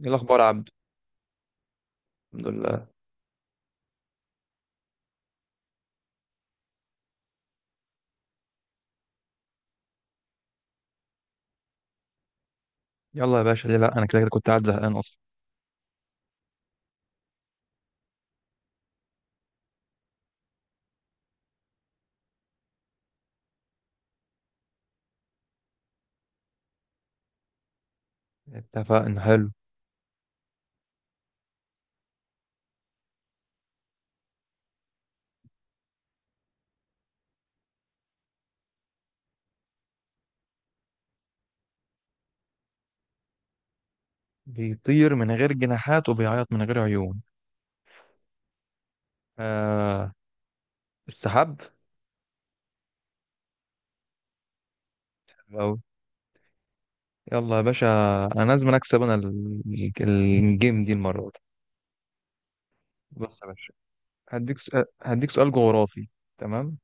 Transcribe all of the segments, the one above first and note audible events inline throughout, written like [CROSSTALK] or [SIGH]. ايه الاخبار يا عبد؟ الحمد لله. يلا يا باشا، ليه لا، انا كده كده كنت قاعد زهقان اصلا. اتفقنا، حلو. بيطير من غير جناحات وبيعيط من غير عيون. آه، السحاب. أو، يلا يا باشا، انا لازم اكسب، انا الجيم دي المره دي. بص يا باشا، هديك سؤال جغرافي. تمام.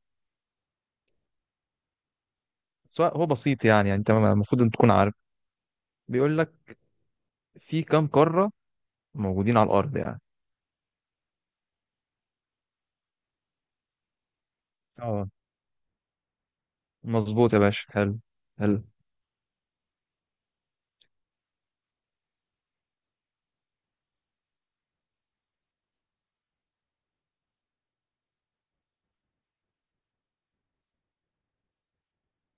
سؤال هو بسيط يعني انت المفروض ان تكون عارف. بيقول لك، في كام قاره موجودين على الارض يعني؟ اه، مظبوط يا باشا، حلو حلو.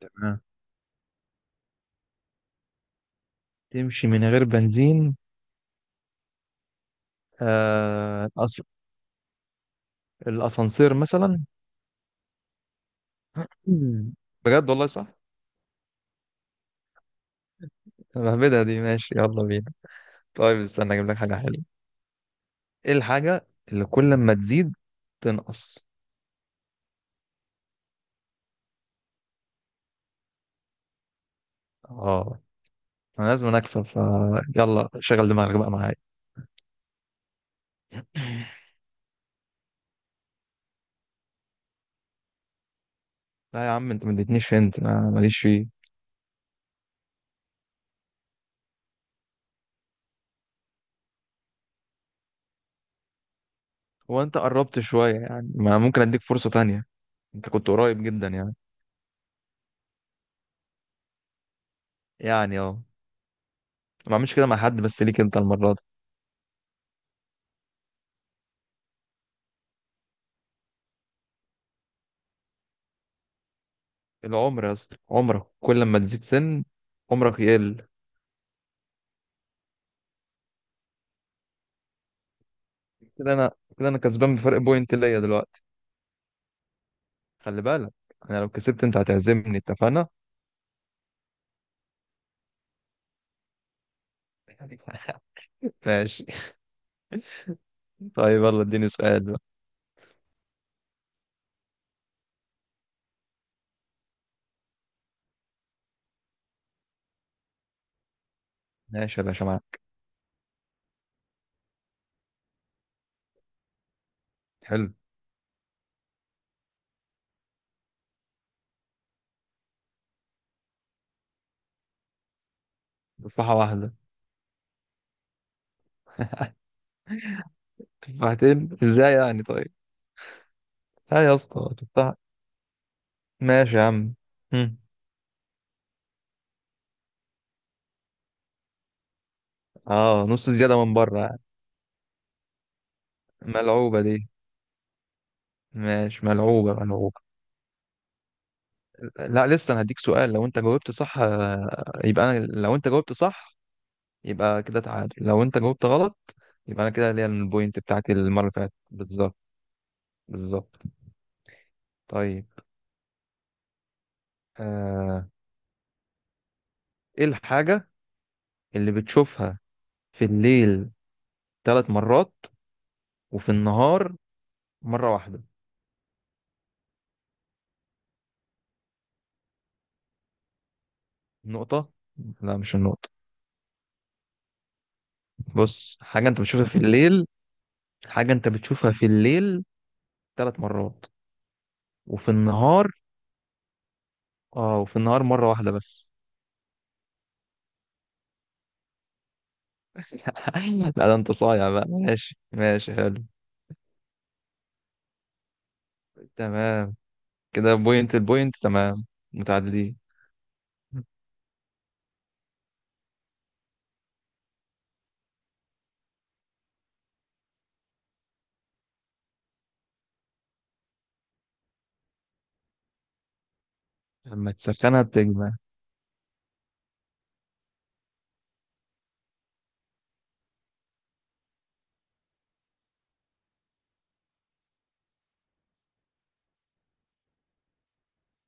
تمام، تمشي من غير بنزين. آه الأس... الأسانسير مثلا. مم. بجد والله صح. مهبدة دي، ماشي يلا بينا. طيب استنى أجيب لك حاجة حلوة. إيه الحاجة اللي كل ما تزيد تنقص؟ اه، أنا لازم أكسب، يلا شغل دماغك بقى معايا. لا يا عم، أنت ما اديتنيش، انت أنا ماليش فيه. هو أنت قربت شوية يعني، ما ممكن أديك فرصة تانية، أنت كنت قريب جدا يعني. يعني اه، ما أعملش كده مع حد بس ليك أنت المرة دي. العمر يا اسطى، عمرك كل ما تزيد سن عمرك يقل. كده انا، كده انا كسبان بفرق بوينت ليا دلوقتي. خلي بالك، انا لو كسبت انت هتعزمني، اتفقنا. [LAUGHS] ماشي. طيب يلا اديني سؤال بقى. ماشي يا باشا، معاك. حلو. تفاحة واحدة. تفاحتين ازاي يعني؟ طيب، ها يا اسطى تفاحة. ماشي يا عم. هم. اه، نص زيادة من بره يعني. ملعوبة دي، ماشي، ملعوبة ملعوبة. لا لسه انا هديك سؤال، لو انت جاوبت صح يبقى انا، لو انت جاوبت صح يبقى كده تعادل، لو انت جاوبت غلط يبقى انا كده ليا البوينت بتاعتي المره اللي فاتت بالظبط. بالظبط. طيب، آه... ايه الحاجه اللي بتشوفها في الليل ثلاث مرات وفي النهار مره واحده؟ النقطه؟ لا مش النقطه. بص، حاجه انت بتشوفها في الليل. حاجه انت بتشوفها في الليل ثلاث مرات وفي النهار. اه، وفي النهار مره واحده بس. [LAUGHS] لا ده انت صايع بقى، ماشي ماشي، حلو. تمام، كده بوينت البوينت، تمام، متعادلين. لما تسخنها بتجمل.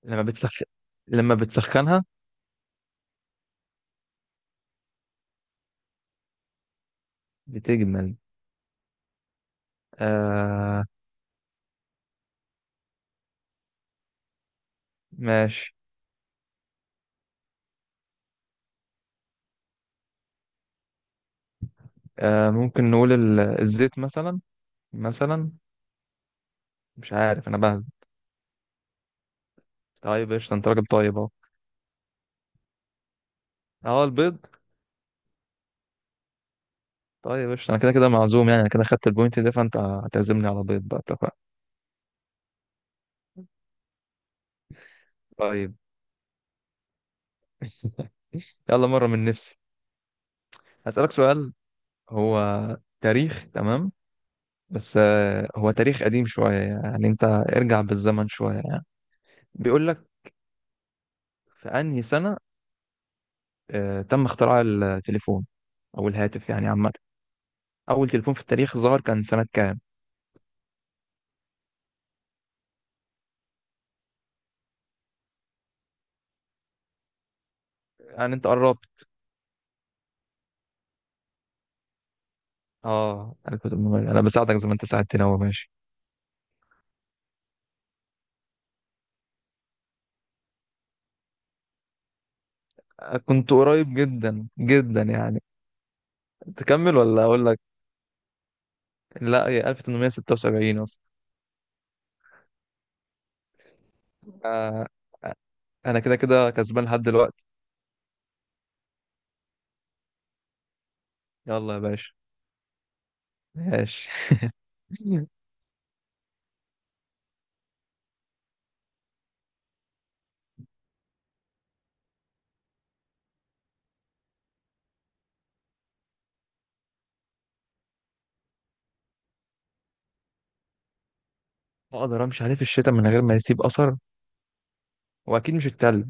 لما بتسخن، لما بتسخنها بتجمل. آه ماشي. آه ممكن نقول الزيت مثلا، مثلا. مش عارف انا بهبد. طيب قشطة، انت راجل طيب اهو. اه، البيض. طيب قشطة، انا كده كده معزوم يعني، انا كده خدت البوينت ده، فانت هتعزمني على بيض بقى، اتفقنا. طيب. [LAUGHS] يلا مرة من نفسي هسألك سؤال. هو تاريخ، تمام، بس هو تاريخ قديم شوية يعني، انت ارجع بالزمن شوية يعني. بيقول لك، في انهي سنة تم اختراع التليفون او الهاتف يعني عامة؟ اول تليفون في التاريخ ظهر كان سنة كام؟ يعني انت قربت، اه انا كنت، انا بساعدك زي ما انت ساعدتني اهو، ماشي. كنت قريب جدا جدا يعني. تكمل ولا اقول لك؟ لا، هي 1876 اصلا. آه، انا كده كده كسبان لحد دلوقتي. يلا يا باشا. ماشي. [LAUGHS] اقدر امشي عليه في الشتاء من غير ما يسيب اثر. واكيد مش التلج.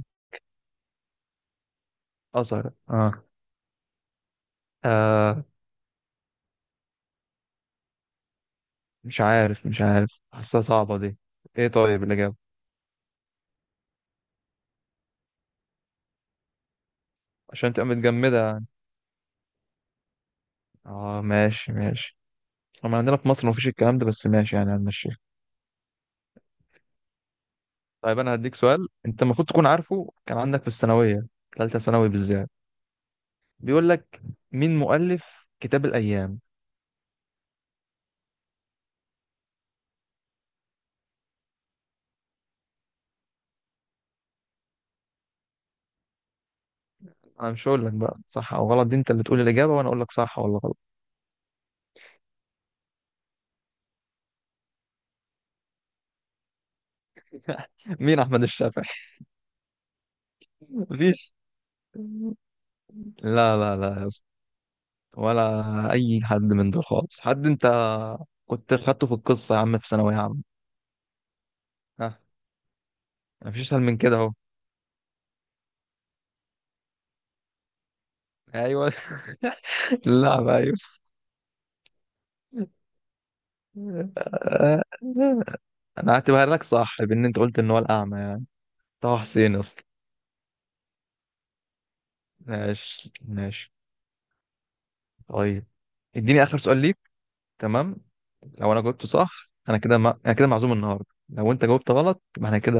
أزهر آه. آه، مش عارف، مش عارف حاسها صعبة دي. إيه طيب الإجابة؟ عشان تبقى متجمدة يعني. آه ماشي ماشي. طبعا عندنا في مصر مفيش الكلام ده، بس ماشي يعني هنمشيها. طيب، أنا هديك سؤال أنت المفروض تكون عارفه، كان عندك في الثانوية، ثالثة ثانوي بالذات. بيقول لك، مين مؤلف كتاب الأيام؟ أنا مش هقول لك بقى صح أو غلط، دي أنت اللي تقول الإجابة وأنا أقول لك صح ولا غلط. [LAUGHS] مين أحمد الشافعي؟ [LAUGHS] مفيش، لا لا لا، ولا اي حد من دول خالص. حد انت كنت خدته في القصه يا عم، في ثانويه عامه. ها. مفيش اسهل من كده اهو. ايوه. [LAUGHS] اللعب، ايوه. انا هعتبرها لك صح، بان انت قلت ان هو الاعمى يعني. طه حسين اصلا. ماشي ماشي. طيب، اديني اخر سؤال ليك. تمام، لو انا جاوبته صح انا كده ما... انا كده معزوم النهارده، لو انت جاوبت غلط يبقى احنا كده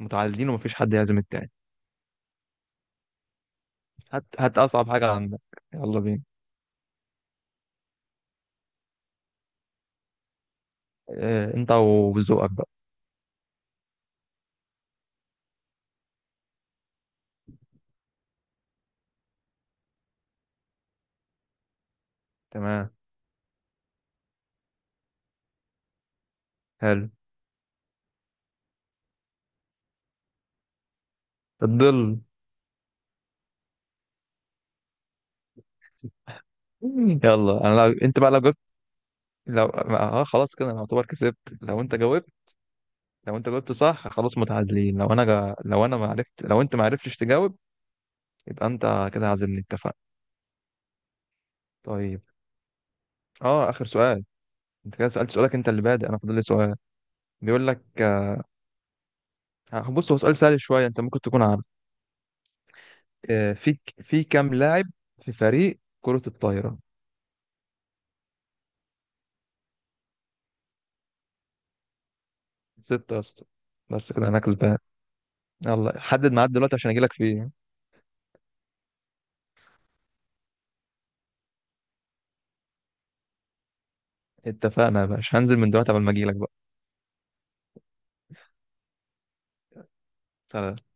متعادلين ومفيش حد يعزم التاني. هات هات اصعب حاجه عندك، يلا بينا. اه... انت وذوقك بقى. تمام. حلو، الظل. يلا انت بقى لو جبت، لو خلاص، كده انا اعتبر كسبت لو انت جاوبت صح خلاص متعادلين، لو انت ما عرفتش تجاوب يبقى انت كده عازمني، اتفقنا. طيب، اه اخر سؤال. انت كده سألت سؤالك، انت اللي بادئ، انا فاضل لي سؤال. بيقول لك بص هو سؤال سهل شويه، انت ممكن تكون عارف. في كام لاعب في فريق كرة الطايرة؟ ستة يا اسطى، بس كده انا كسبان. يلا حدد ميعاد دلوقتي عشان اجي لك فيه. اتفقنا يا باشا، هنزل من دلوقتي قبل ما اجي لك. صح.